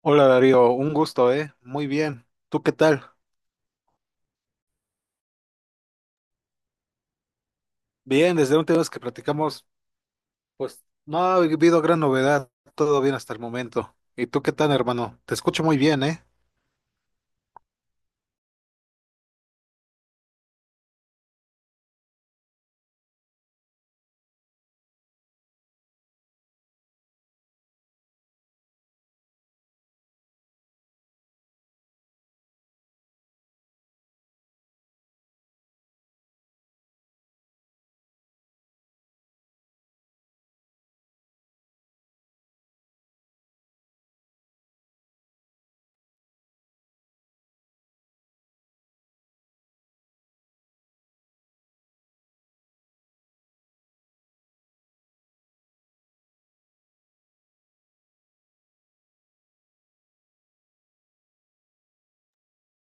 Hola Darío, un gusto, ¿eh? Muy bien. ¿Tú qué tal? Bien, desde la última vez que platicamos, pues no ha habido gran novedad, todo bien hasta el momento. ¿Y tú qué tal, hermano? Te escucho muy bien, ¿eh?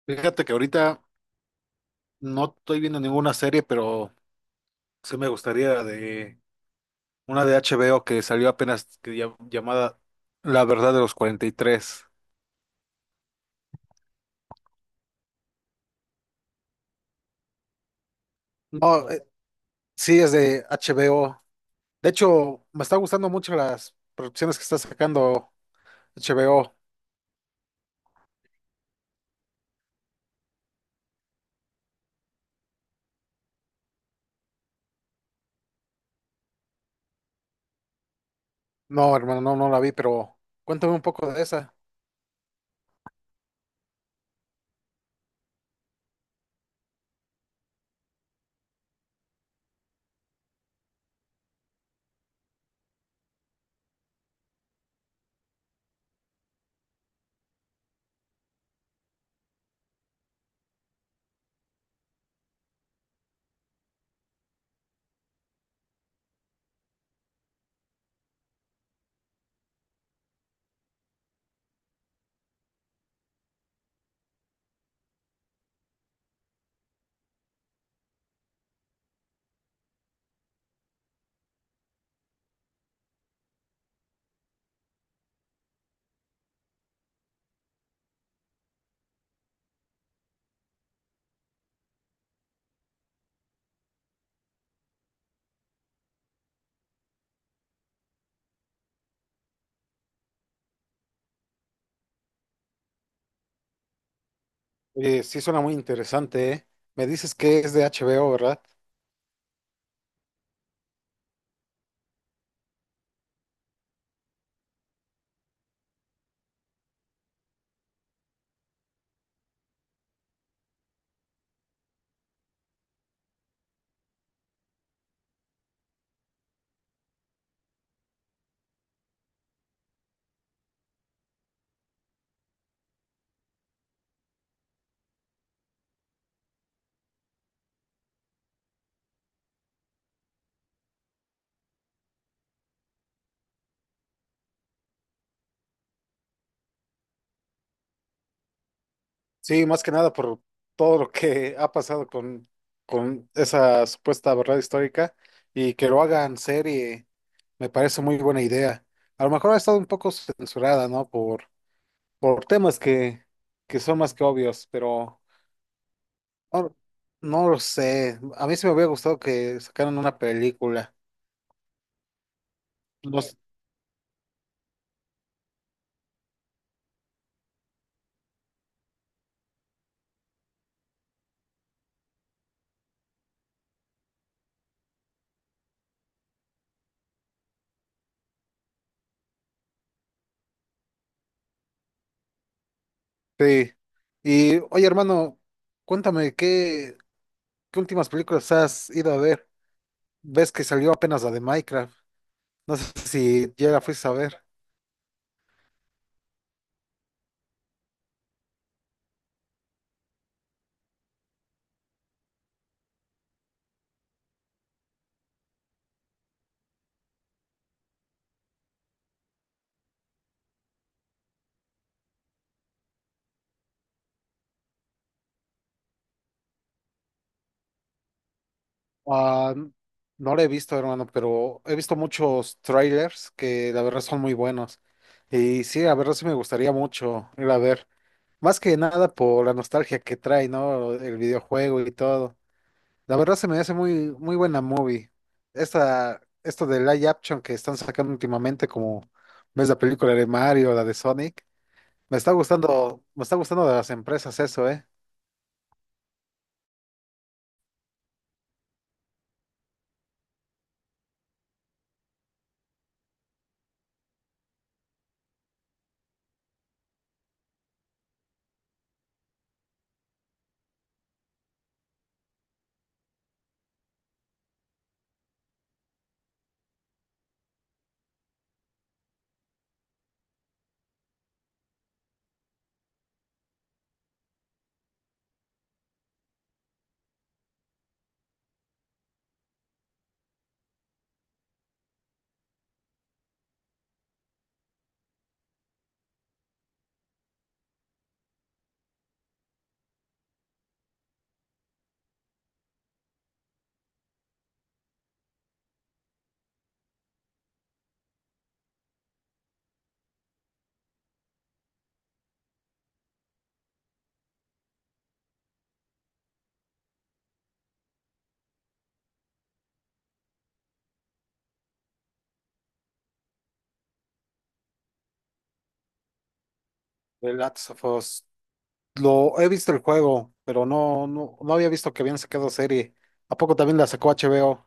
Fíjate que ahorita no estoy viendo ninguna serie, pero sí me gustaría de una de HBO que salió apenas llamada La Verdad de los 43. No, sí, es de HBO. De hecho, me está gustando mucho las producciones que está sacando HBO. No, hermano, no, no la vi, pero cuéntame un poco de esa. Oye, sí suena muy interesante, ¿eh? Me dices que es de HBO, ¿verdad? Sí, más que nada por todo lo que ha pasado con esa supuesta verdad histórica y que lo hagan serie, me parece muy buena idea. A lo mejor ha estado un poco censurada, ¿no? Por temas que son más que obvios, pero no, no lo sé. A mí sí me hubiera gustado que sacaran una película. No. Sí. Y oye, hermano, cuéntame, ¿qué últimas películas has ido a ver? Ves que salió apenas la de Minecraft. No sé si ya la fuiste a ver. Ah, no la he visto, hermano, pero he visto muchos trailers que la verdad son muy buenos. Y sí, la verdad sí me gustaría mucho ir a ver. Más que nada por la nostalgia que trae, ¿no? El videojuego y todo. La verdad se me hace muy, muy buena movie. Esto de live action que están sacando últimamente, como ves la película de Mario, la de Sonic, me está gustando de las empresas eso. The Last of Us. Lo he visto el juego, pero no había visto que habían sacado serie. ¿A poco también la sacó HBO?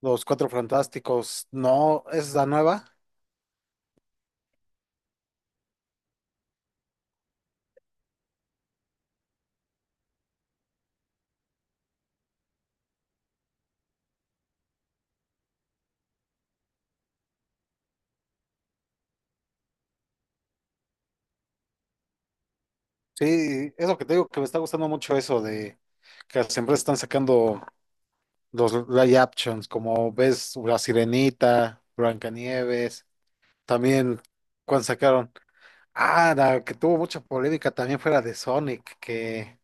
Los Cuatro Fantásticos. No, es la nueva. Sí, es lo que te digo que me está gustando mucho eso de que las empresas están sacando los live actions, como ves La Sirenita, Blancanieves, también cuando sacaron, la que tuvo mucha polémica también fue la de Sonic, que,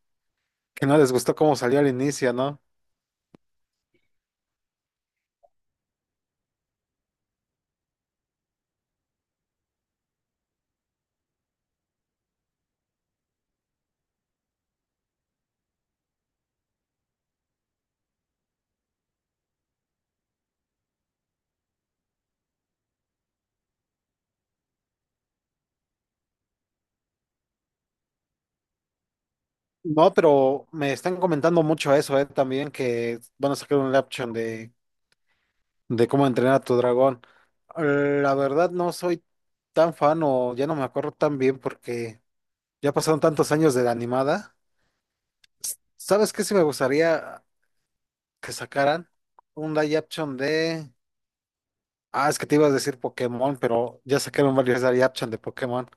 que no les gustó cómo salió al inicio, ¿no? No, pero me están comentando mucho eso, también que van a sacar un live action de cómo entrenar a tu dragón. La verdad no soy tan fan o ya no me acuerdo tan bien porque ya pasaron tantos años de la animada. ¿Sabes qué? Si me gustaría que sacaran un live action de. Ah, es que te ibas a decir Pokémon, pero ya sacaron varios live action de Pokémon.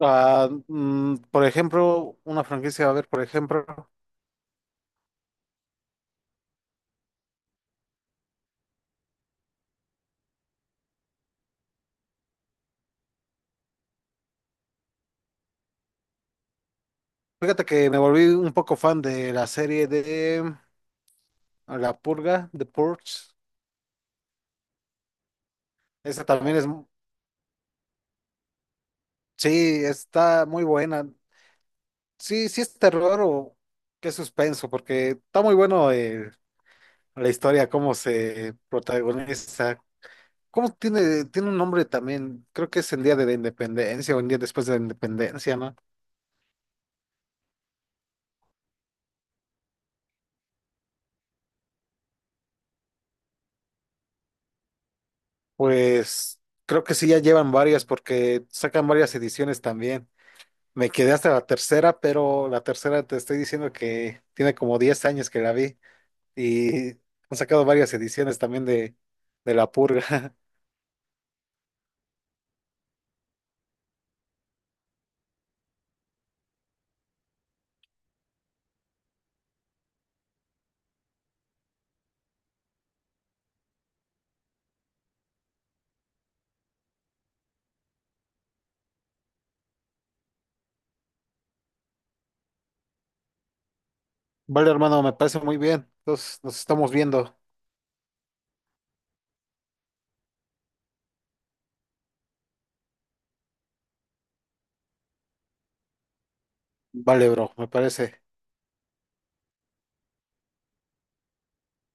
Ah, por ejemplo, una franquicia, a ver, por ejemplo, fíjate que me volví un poco fan de la serie de La Purga, The Purge. Esa también es, sí, está muy buena. Sí, sí es terror o qué suspenso, porque está muy bueno, la historia, cómo se protagoniza. ¿Cómo tiene un nombre también? Creo que es el día de la independencia o el día después de la independencia, ¿no? Pues creo que sí, ya llevan varias porque sacan varias ediciones también. Me quedé hasta la tercera, pero la tercera te estoy diciendo que tiene como 10 años que la vi y han sacado varias ediciones también de La Purga. Vale, hermano, me parece muy bien. Entonces nos estamos viendo. Vale, bro, me parece.